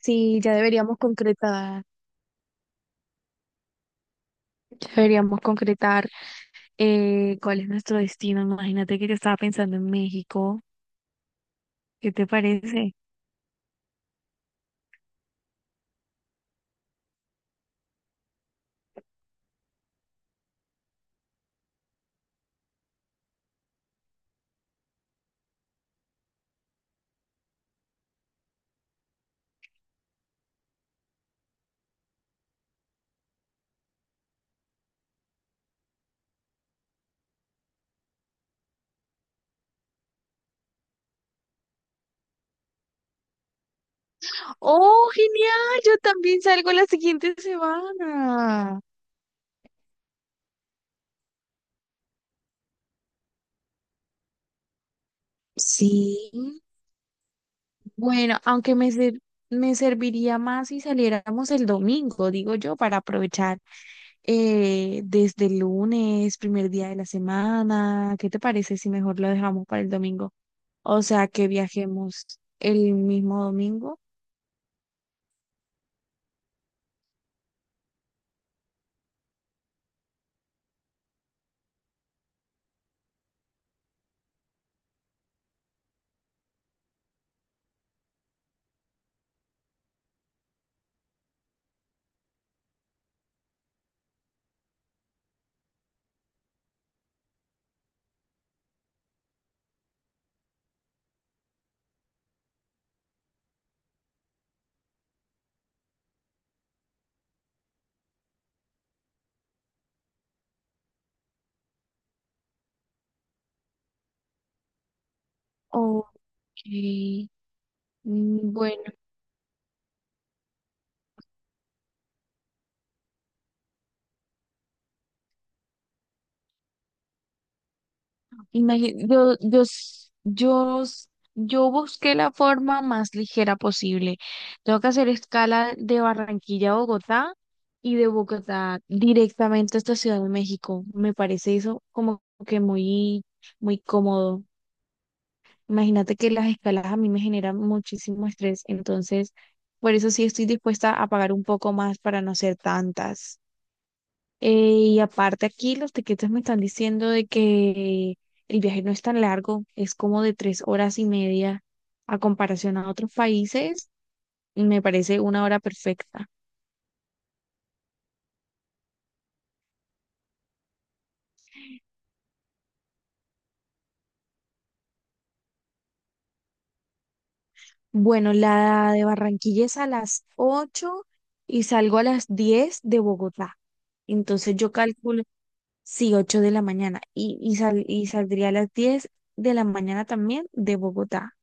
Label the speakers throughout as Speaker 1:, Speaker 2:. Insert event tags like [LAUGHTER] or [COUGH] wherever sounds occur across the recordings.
Speaker 1: Sí, ya deberíamos concretar cuál es nuestro destino. Imagínate que yo estaba pensando en México. ¿Qué te parece? ¡Oh, genial! Yo también salgo la siguiente semana. Sí, bueno, aunque me serviría más si saliéramos el domingo, digo yo, para aprovechar desde el lunes, primer día de la semana. ¿Qué te parece si mejor lo dejamos para el domingo? O sea, que viajemos el mismo domingo. Ok. Mm, bueno, imagi- yo, yo, s- yo, s- yo busqué la forma más ligera posible. Tengo que hacer escala de Barranquilla a Bogotá y de Bogotá directamente hasta Ciudad de México. Me parece eso como que muy, muy cómodo. Imagínate que las escalas a mí me generan muchísimo estrés, entonces por eso sí estoy dispuesta a pagar un poco más para no hacer tantas. Y aparte aquí los tiquetes me están diciendo de que el viaje no es tan largo, es como de 3 horas y media a comparación a otros países, me parece una hora perfecta. Bueno, la de Barranquilla es a las 8 y salgo a las 10 de Bogotá. Entonces yo calculo, sí, 8 de la mañana y saldría a las 10 de la mañana también de Bogotá.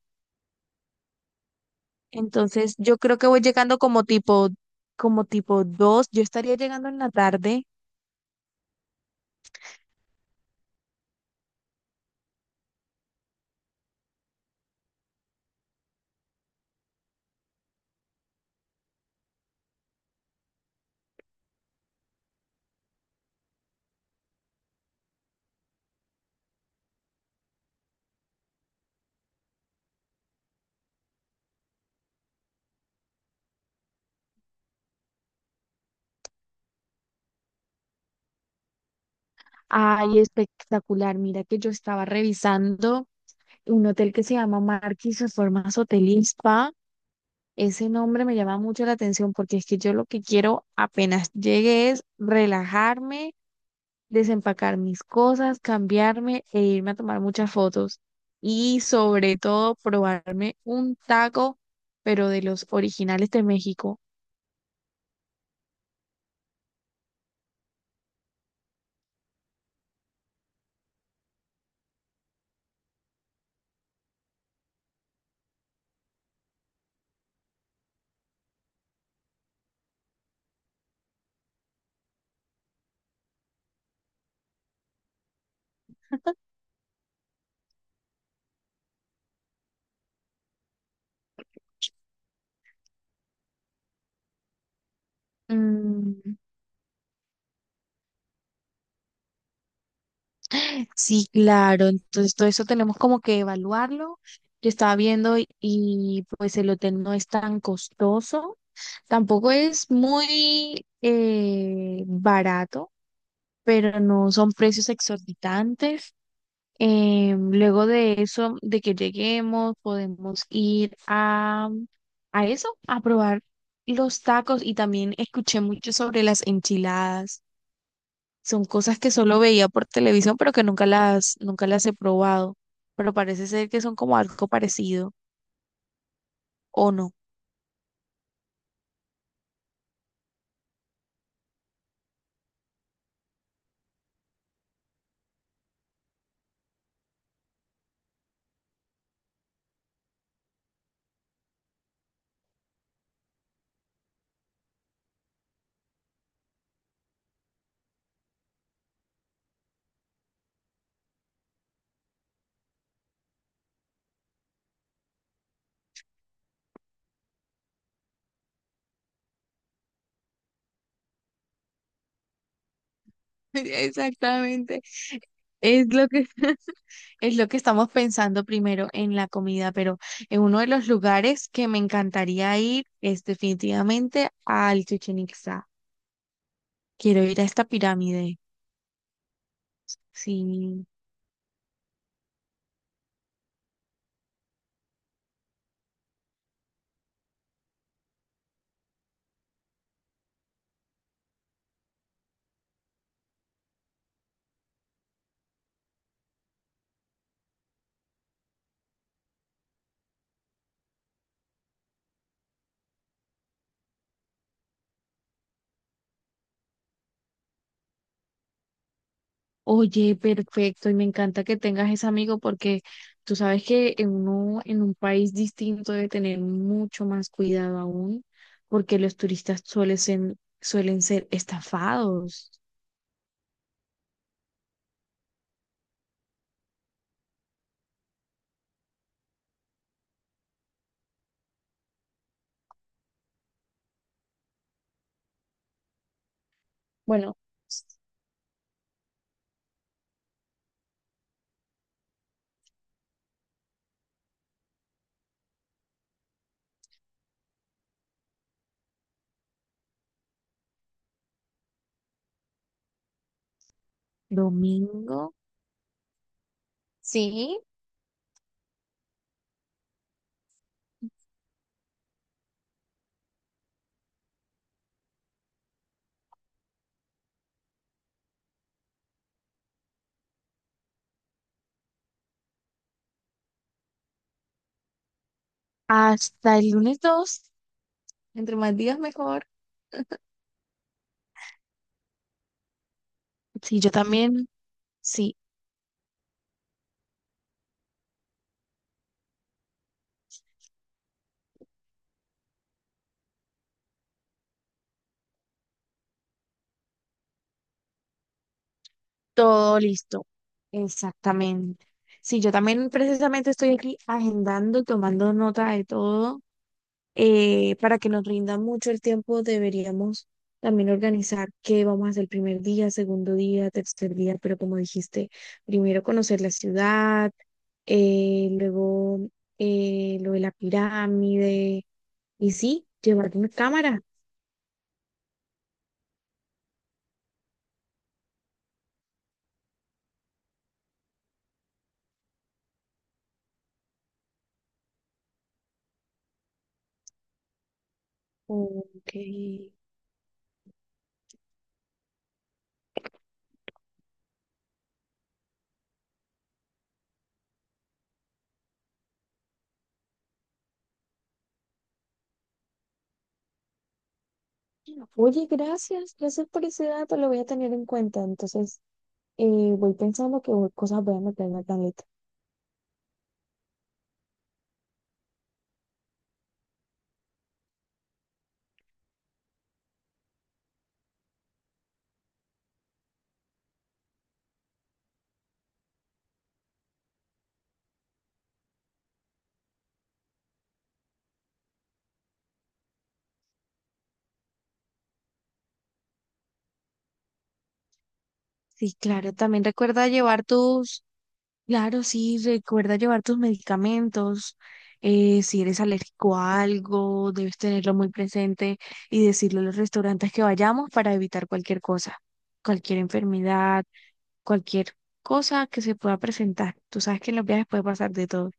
Speaker 1: Entonces, yo creo que voy llegando como tipo 2. Yo estaría llegando en la tarde. Ay, espectacular. Mira que yo estaba revisando un hotel que se llama Marquis Reformas Hotel y Spa. Ese nombre me llama mucho la atención porque es que yo lo que quiero apenas llegue es relajarme, desempacar mis cosas, cambiarme e irme a tomar muchas fotos. Y sobre todo probarme un taco, pero de los originales de México. Mm, sí, claro. Entonces, todo eso tenemos como que evaluarlo. Yo estaba viendo y pues el hotel no es tan costoso, tampoco es muy barato, pero no son precios exorbitantes. Luego de eso, de que lleguemos, podemos ir a probar los tacos y también escuché mucho sobre las enchiladas. Son cosas que solo veía por televisión, pero que nunca las he probado. Pero parece ser que son como algo parecido, ¿o no? [LAUGHS] Exactamente, es lo que [LAUGHS] Es lo que estamos pensando primero en la comida, pero en uno de los lugares que me encantaría ir es definitivamente al Chichén Itzá. Quiero ir a esta pirámide. Sí. Oye, perfecto, y me encanta que tengas ese amigo porque tú sabes que en un país distinto debe tener mucho más cuidado aún, porque los turistas suelen ser estafados. Bueno, domingo. Sí, hasta el lunes 2, entre más días mejor. Sí, yo también, sí, todo listo. Exactamente. Sí, yo también precisamente estoy aquí agendando, tomando nota de todo. Para que nos rinda mucho el tiempo, deberíamos también organizar qué vamos a hacer el primer día, segundo día, tercer día, pero como dijiste, primero conocer la ciudad, luego lo de la pirámide, y sí, llevar una cámara. Ok. Oye, gracias, gracias por ese dato, lo voy a tener en cuenta. Entonces, eh, voy pensando qué cosas voy a meter en la tableta. Sí, claro, también recuerda llevar tus... Claro, sí, recuerda llevar tus medicamentos. Si eres alérgico a algo, debes tenerlo muy presente y decirle a los restaurantes que vayamos para evitar cualquier cosa, cualquier enfermedad, cualquier cosa que se pueda presentar. Tú sabes que en los viajes puede pasar de todo.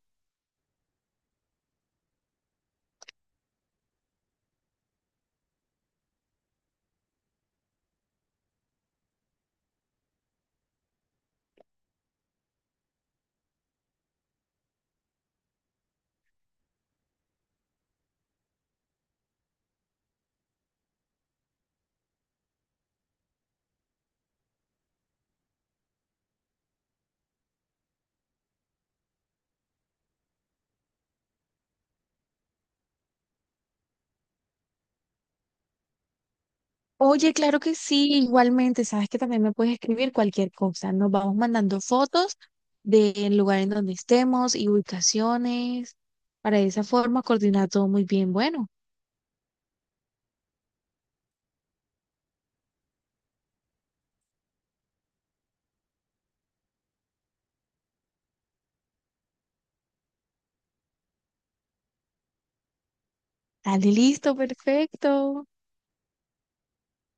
Speaker 1: Oye, claro que sí, igualmente, sabes que también me puedes escribir cualquier cosa. Nos vamos mandando fotos del lugar en donde estemos y ubicaciones. Para de esa forma coordinar todo muy bien. Bueno. Dale, listo, perfecto.